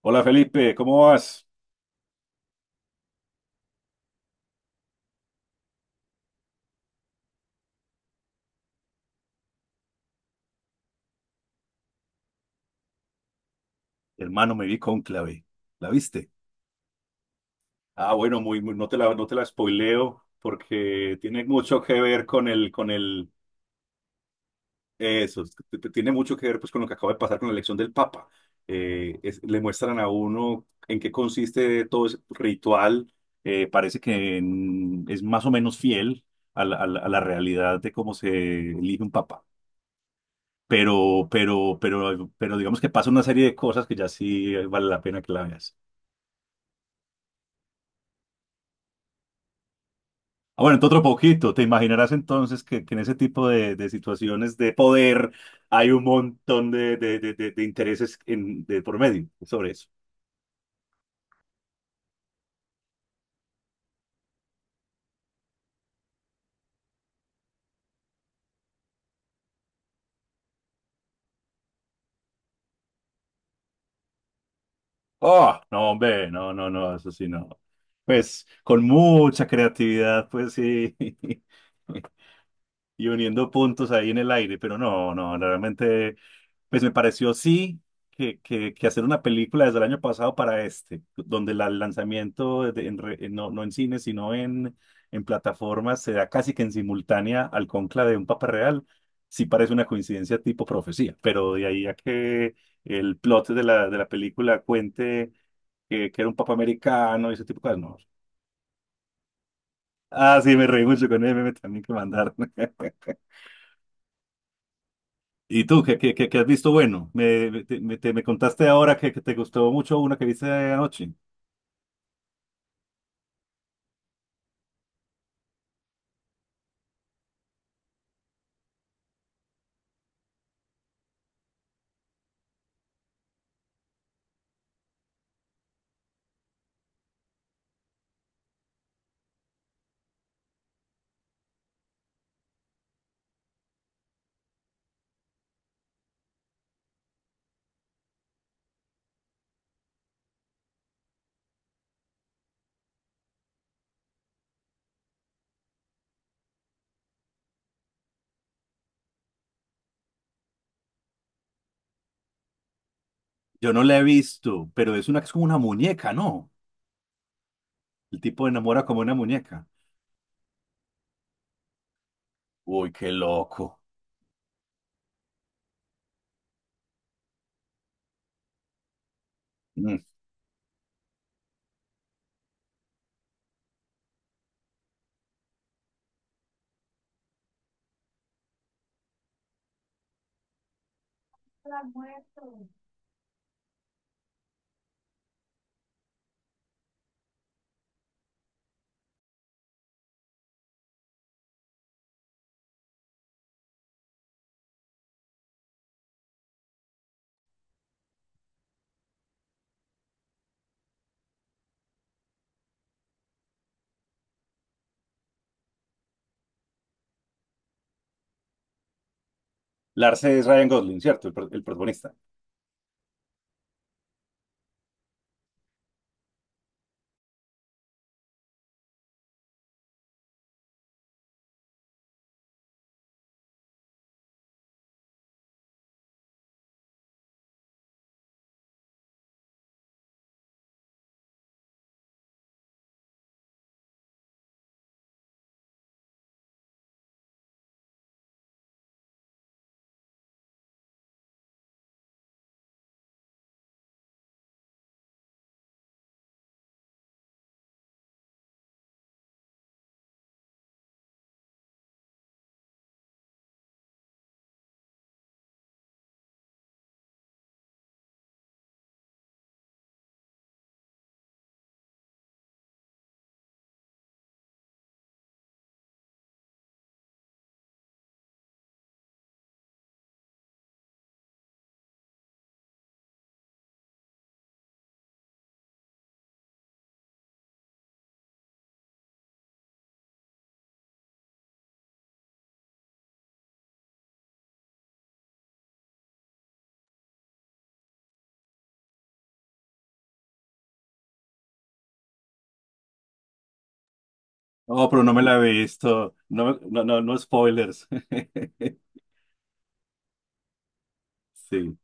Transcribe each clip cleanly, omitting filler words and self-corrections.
Hola Felipe, ¿cómo vas? Hermano, me vi Cónclave. ¿La viste? Ah, bueno, no te la spoileo porque tiene mucho que ver con el, eso. Tiene mucho que ver pues con lo que acaba de pasar con la elección del Papa. Le muestran a uno en qué consiste todo ese ritual. Parece que es más o menos fiel a la realidad de cómo se elige un Papa. Pero digamos que pasa una serie de cosas que ya sí vale la pena que la veas. Ah, bueno, entonces otro poquito. Te imaginarás entonces que en ese tipo de situaciones de poder hay un montón de intereses de por medio sobre eso. Oh, no, hombre, no, no, no, eso sí, no. Pues con mucha creatividad, pues sí. Y uniendo puntos ahí en el aire, pero no, no, realmente, pues me pareció sí que hacer una película desde el año pasado para este, donde el lanzamiento, no, no en cine, sino en plataformas, se da casi que en simultánea al conclave de un Papa Real. Sí parece una coincidencia tipo profecía, pero de ahí a que el plot de la película cuente que era un papa americano y ese tipo de cosas, no. Ah, sí, me reí mucho con él, me también que mandaron. ¿Y tú qué has visto bueno? Me contaste ahora que te gustó mucho una que viste anoche. Yo no la he visto, pero es una que es como una muñeca, ¿no? El tipo enamora como una muñeca. Uy, qué loco. Mm. Lars es Ryan Gosling, ¿cierto? El protagonista. Oh, pero no me la he visto. No, no, no, no spoilers. Sí,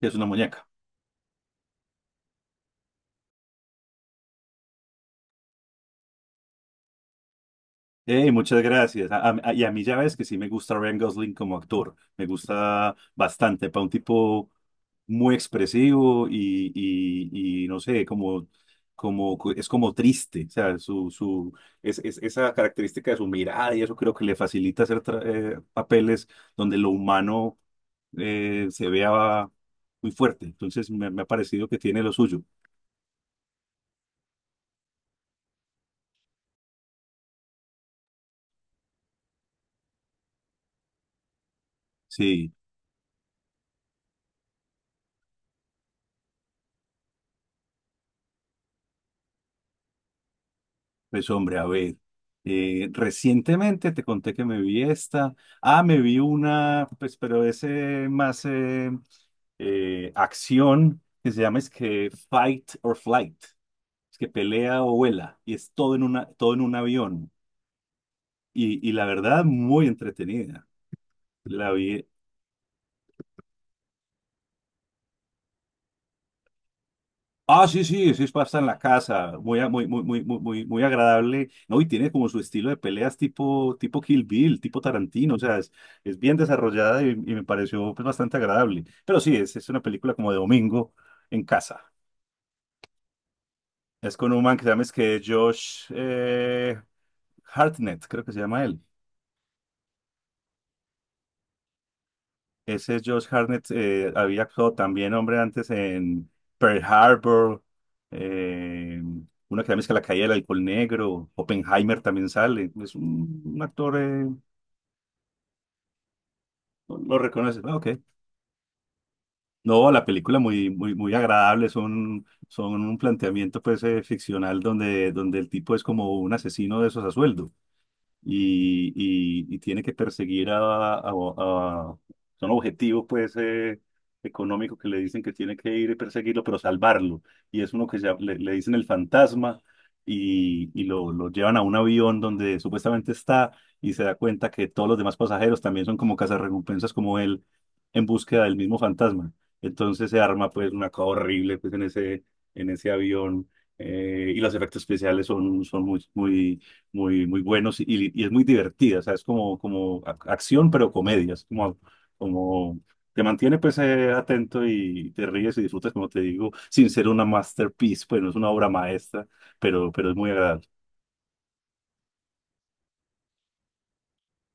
es una muñeca. Hey, muchas gracias. Y a mí ya ves que sí me gusta Ryan Gosling como actor. Me gusta bastante. Para un tipo muy expresivo y no sé, como, es como triste. O sea, su, esa característica de su mirada y eso creo que le facilita hacer papeles donde lo humano se vea muy fuerte. Entonces me ha parecido que tiene lo suyo. Sí. Pues hombre, a ver, recientemente te conté que me vi esta. Ah, me vi una, pues, pero ese más acción que se llama es que Fight or Flight, es que pelea o vuela, y es todo todo en un avión. Y la verdad, muy entretenida. La vi. Ah, sí, sí, sí, es pasta en la casa, muy, muy, muy, muy, muy, muy muy agradable, ¿no? Y tiene como su estilo de peleas tipo Kill Bill, tipo Tarantino, o sea, es bien desarrollada y me pareció pues bastante agradable. Pero sí, es una película como de domingo en casa. Es con un man que se llama es que Josh Hartnett, creo que se llama él. Ese Josh Hartnett había actuado también, hombre, antes en Pearl Harbor, eh, una que también es que La Caída del Alcohol Negro. Oppenheimer también sale. Es un actor, lo reconoce. Ah, ok. No, la película muy, muy, muy agradable, son un planteamiento pues ficcional donde, el tipo es como un asesino de esos a sueldo. y, y tiene que perseguir a son objetivos pues económicos que le dicen que tiene que ir y perseguirlo, pero salvarlo. Y es uno que le dicen el fantasma, y lo llevan a un avión donde supuestamente está y se da cuenta que todos los demás pasajeros también son como cazarrecompensas como él en búsqueda del mismo fantasma. Entonces se arma pues una cosa horrible pues en ese avión. Y los efectos especiales son muy, muy muy, muy buenos y es muy divertida. O sea, es como, acción, pero comedia. Es como, como te mantiene pues atento y te ríes y disfrutas, como te digo, sin ser una masterpiece, pues no es una obra maestra, pero es muy agradable.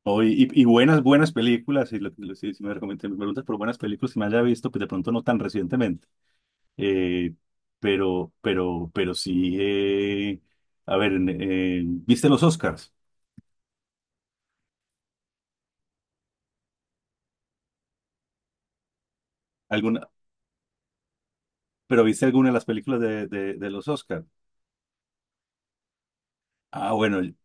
Hoy, y buenas, buenas películas, y si me recomiendas, me preguntas por buenas películas que me haya visto, pues de pronto no tan recientemente, eh, pero sí, a ver, ¿viste los Oscars? ¿Alguna, pero viste alguna de las películas de los Oscars? Ah, bueno,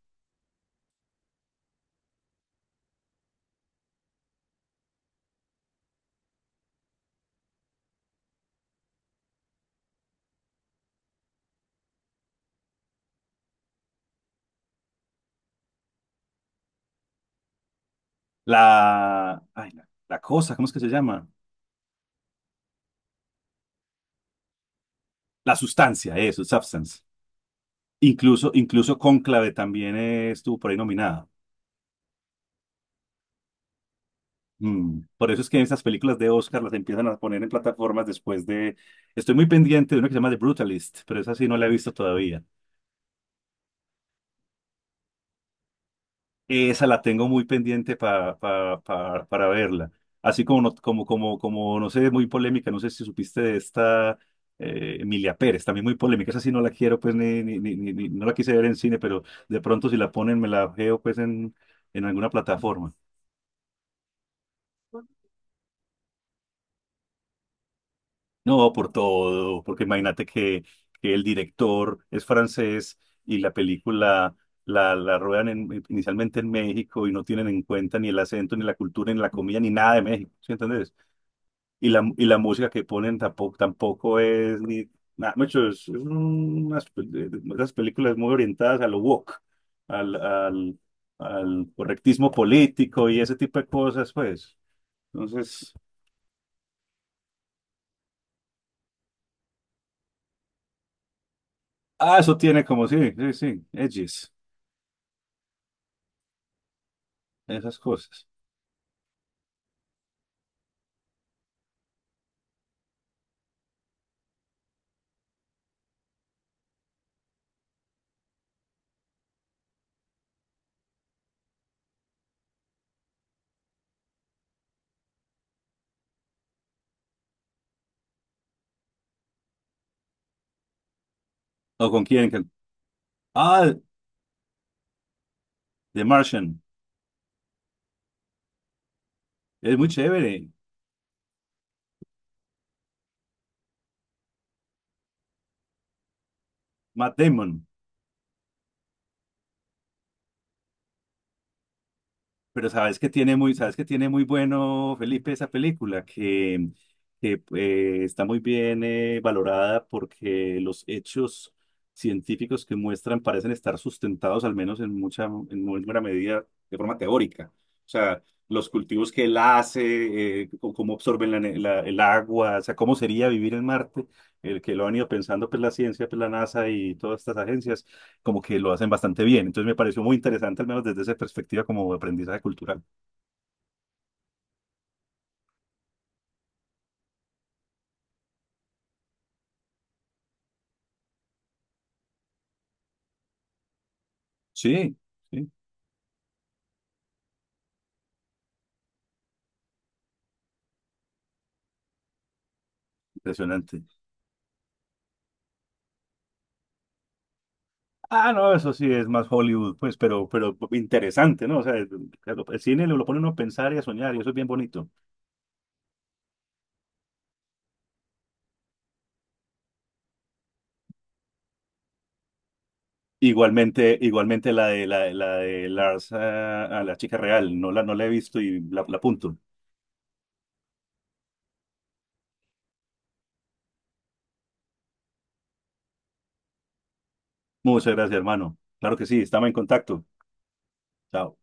la, ay, la cosa, ¿cómo es que se llama? La sustancia, eso, substance. Incluso Cónclave también estuvo por ahí nominada. Por eso es que esas películas de Oscar las empiezan a poner en plataformas después de... Estoy muy pendiente de una que se llama The Brutalist, pero esa sí no la he visto todavía. Esa la tengo muy pendiente para verla. Así como no, como, no sé, muy polémica, no sé si supiste de esta, Emilia Pérez, también muy polémica. Esa sí no la quiero, pues, no la quise ver en cine, pero de pronto si la ponen me la veo, pues, en alguna plataforma. No, por todo, porque imagínate que el director es francés y la película la ruedan inicialmente en México y no tienen en cuenta ni el acento, ni la cultura, ni la comida, ni nada de México, ¿sí entendés? Y la música que ponen tampoco es ni nada, mucho, es unas, unas películas muy orientadas a lo woke, al, al, al correctismo político y ese tipo de cosas, pues. Entonces, ah, eso tiene como, sí, sí, sí, edges, esas cosas. ¿O con quién? Ah, The Martian, es muy chévere, Matt Damon. Pero sabes que tiene muy bueno, Felipe, esa película, que está muy bien valorada porque los hechos científicos que muestran parecen estar sustentados, al menos en muy buena medida, de forma teórica. O sea, los cultivos que él hace, o cómo absorben el agua, o sea, cómo sería vivir en Marte, el que lo han ido pensando, pues la ciencia, pues la NASA y todas estas agencias como que lo hacen bastante bien. Entonces me pareció muy interesante, al menos desde esa perspectiva como aprendizaje cultural. Sí, sí, impresionante. Ah, no, eso sí es más Hollywood, pues, pero interesante, ¿no? O sea, claro, el cine lo pone uno a pensar y a soñar y eso es bien bonito. Igualmente, igualmente la de Lars, ah, a la chica real, no la he visto y la apunto. Muchas gracias, hermano. Claro que sí, estamos en contacto. Chao.